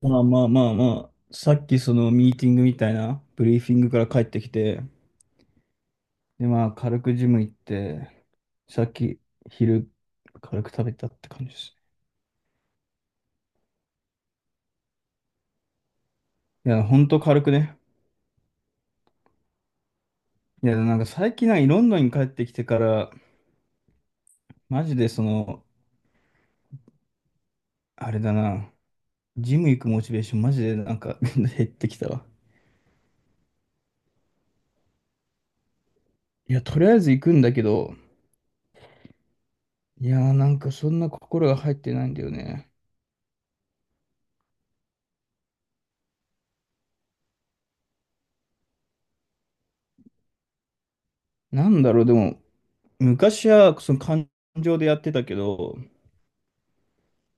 まあまあまあまあ、さっきそのミーティングみたいな、ブリーフィングから帰ってきて、でまあ軽くジム行って、さっき昼軽く食べたって感じです。いや、ほんと軽くね。いや、なんか最近なんかロンドンに帰ってきてから、マジでその、あれだな、ジム行くモチベーションマジでなんか 減ってきたわ。いや、とりあえず行くんだけど、いやーなんかそんな心が入ってないんだよね。なんだろう、でも、昔はその感情でやってたけど、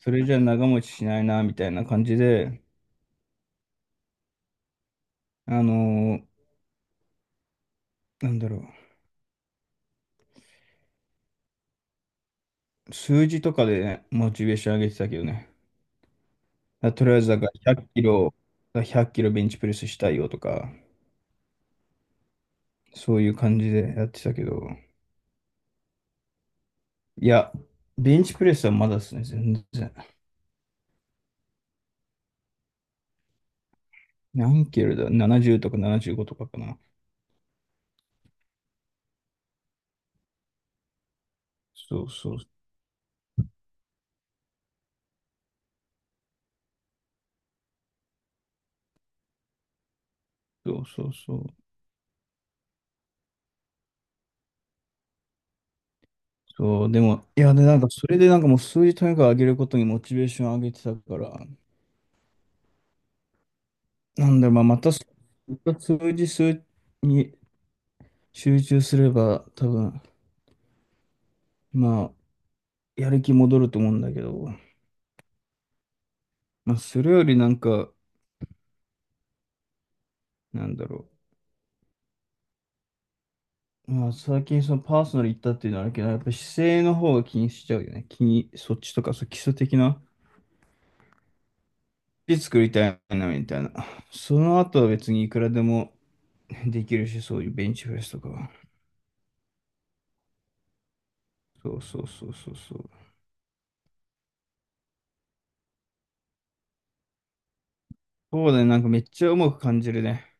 それじゃ長持ちしないな、みたいな感じで、あのーなんだろう、数字とかでね、モチベーション上げてたけどね。だとりあえず、だから100キロ、100キロベンチプレスしたいよとか、そういう感じでやってたけど、いや、ベンチプレスはまだですね、全然。何キロだ ?70 とか75とかかな。そうそうそうそうそう。そう、でも、いや、で、なんか、それでなんかもう数字とにかく上げることにモチベーション上げてたから、なんだろう、まあ、またそ数字数に集中すれば、多分、まあ、やる気戻ると思うんだけど、まあ、それよりなんか、なんだろう、まあ、最近そのパーソナル行ったっていうのはあるけど、やっぱ姿勢の方が気にしちゃうよね。気に、そっちとか、そう基礎的な、で作りたいな、みたいな。その後は別にいくらでもできるし、そういうベンチプレスとかは。そうそうそうそうそう。そうだね、なんかめっちゃ重く感じるね。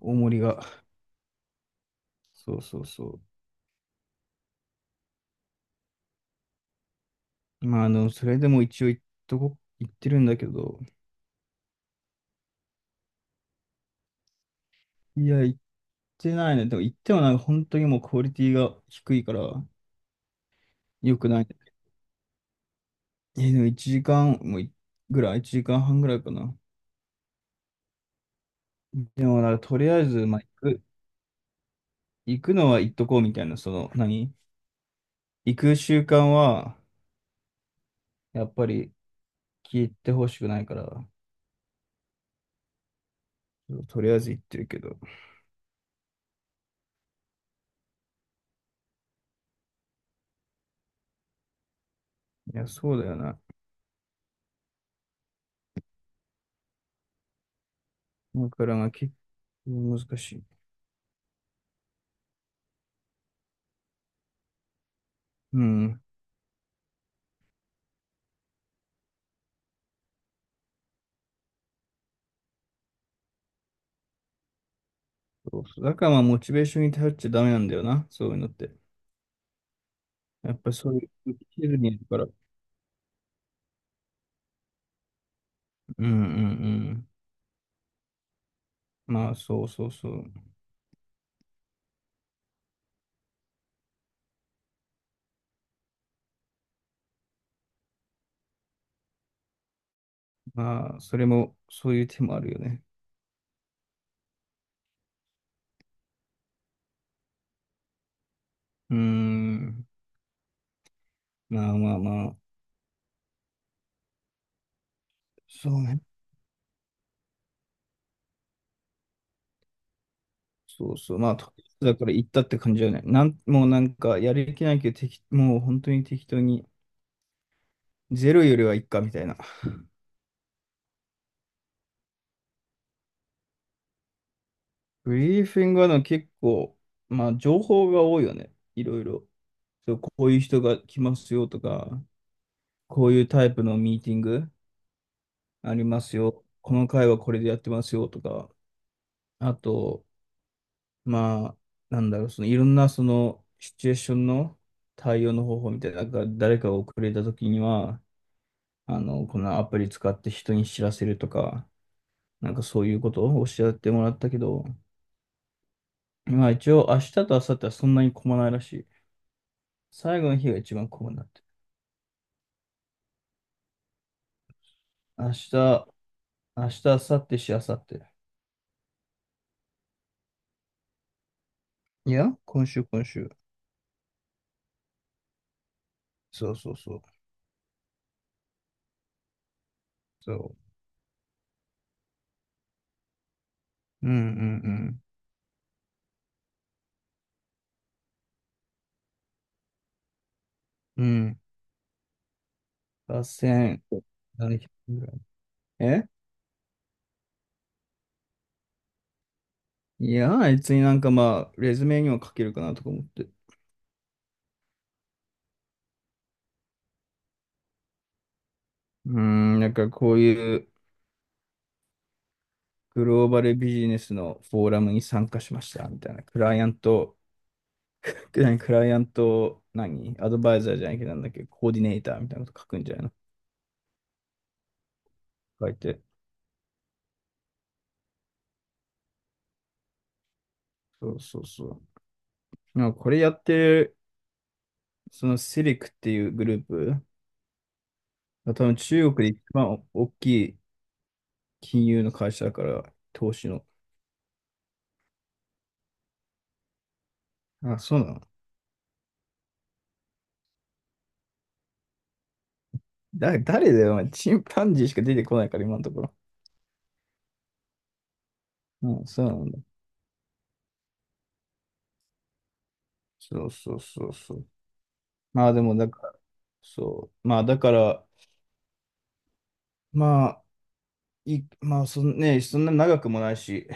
重りが。そうそうそう。まあ、あの、それでも一応言ってるんだけど、いや、言ってないね。でも言ってもなんか本当にもうクオリティが低いから良くないね。え、でも1時間もいぐらい、1時間半ぐらいかな。でもなんかとりあえず、まあ、く、行くのは行っとこうみたいな、その、何行く習慣は、やっぱり聞いてほしくないから、とりあえず行ってるけど。いや、そうだよな。だからまあ結構難しい。うん。そうそう。だからまあ、モチベーションに頼っちゃダメなんだよな、そういうのって。やっぱりそういう、生きてるにいるから。うんうんうん。まあ、そうそうそう。まあ、それも、そういう手もあるよね。うーん。まあまあまあ、そうね。そうそう。まあ、とりあえずだから行ったって感じだよね。もうなんか、やる気ないけど、もう本当に適当に、ゼロよりはいっか、みたいな。ブリーフィングはでも結構、まあ、情報が多いよね。いろいろ。そう、こういう人が来ますよとか。こういうタイプのミーティングありますよ。この回はこれでやってますよとか、あと、まあ、なんだろう、そのいろんなそのシチュエーションの対応の方法みたいな、なんか誰かが遅れた時には、あの、このアプリ使って人に知らせるとか、なんかそういうことをおっしゃってもらったけど、まあ一応明日と明後日はそんなに混まないらしい。最後の日が一番混むんだって。明日、明日、明後日。いや、今週、今週。そうそうそう。そう。うんうんうん。うん。8700ぐらい。えいや、別になんかまあ、レズメには書けるかなとか思って。うーん、なんかこういうグローバルビジネスのフォーラムに参加しましたみたいな。クライアント、何クライアント、何アドバイザーじゃないけどなんだっけ、コーディネーターみたいなこと書くんじゃないの書いて。そうそうそう。なんかこれやってる、そのセリクっていうグループ、多分中国で一番大きい金融の会社だから、投資の。あ、そうなの。誰だよ、お前 チンパンジーしか出てこないから、今のところ。うん、そうなんだ。そうそうそうそう。まあでも、だから、そう。まあだから、まあ、い、まあそんね、そんな長くもないし、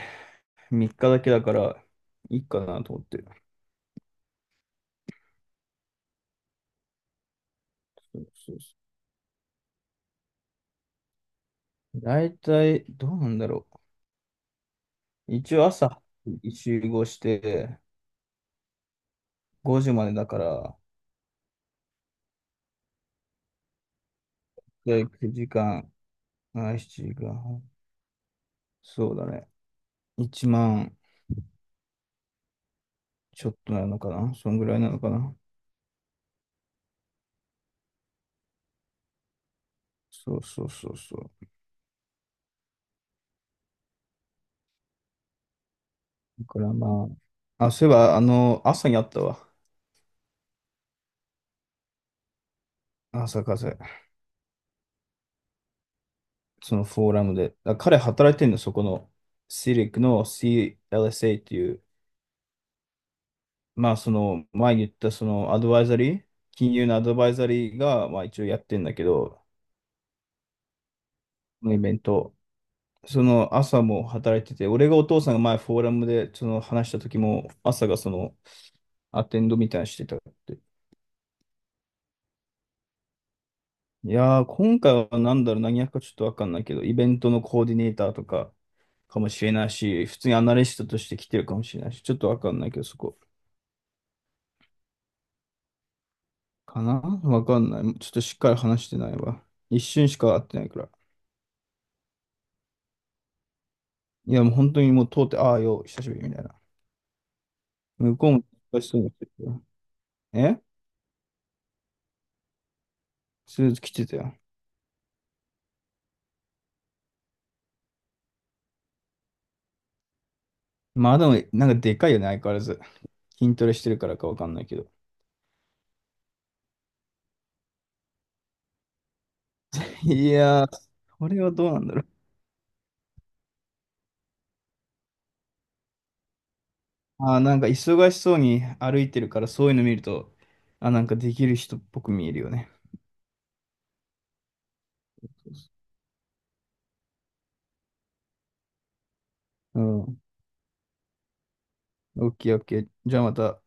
3日だけだから、いいかなと思ってる。そうそうそう。大体、どうなんだろう。一応朝、集合して、5時までだから、9時間、ま7時間。そうだね。1万ちょっとなのかなそんぐらいなのかな、そうそうそうそう。だからまあ、あ、そういえば、あの、朝にあったわ。朝風。そのフォーラムで。あ彼働いてんの、そこの。シリックの CLSA っていう、まあその、前言ったそのアドバイザリー、金融のアドバイザリーが、まあ一応やってんだけど、このイベント。その朝も働いてて、俺がお父さんが前フォーラムでその話した時も、朝がその、アテンドみたいなのしてたって。いやー、今回はなんだろう、何役かちょっとわかんないけど、イベントのコーディネーターとかかもしれないし、普通にアナリストとして来てるかもしれないし、ちょっとわかんないけど、そこ。かなわかんない。ちょっとしっかり話してないわ。一瞬しか会ってないから。いや、もう本当にもう通って、ああよ、久しぶりみたいな。向こうも忙しそうにしてるよ。え、スーツ着てたよ。まあでも、なんかでかいよね、相変わらず。筋トレしてるからかわかんないけど。いやー、これはどうなんだろう。あー、なんか忙しそうに歩いてるから、そういうの見ると、あ、なんかできる人っぽく見えるよね。うん。オッケーオッケー。じゃあまた。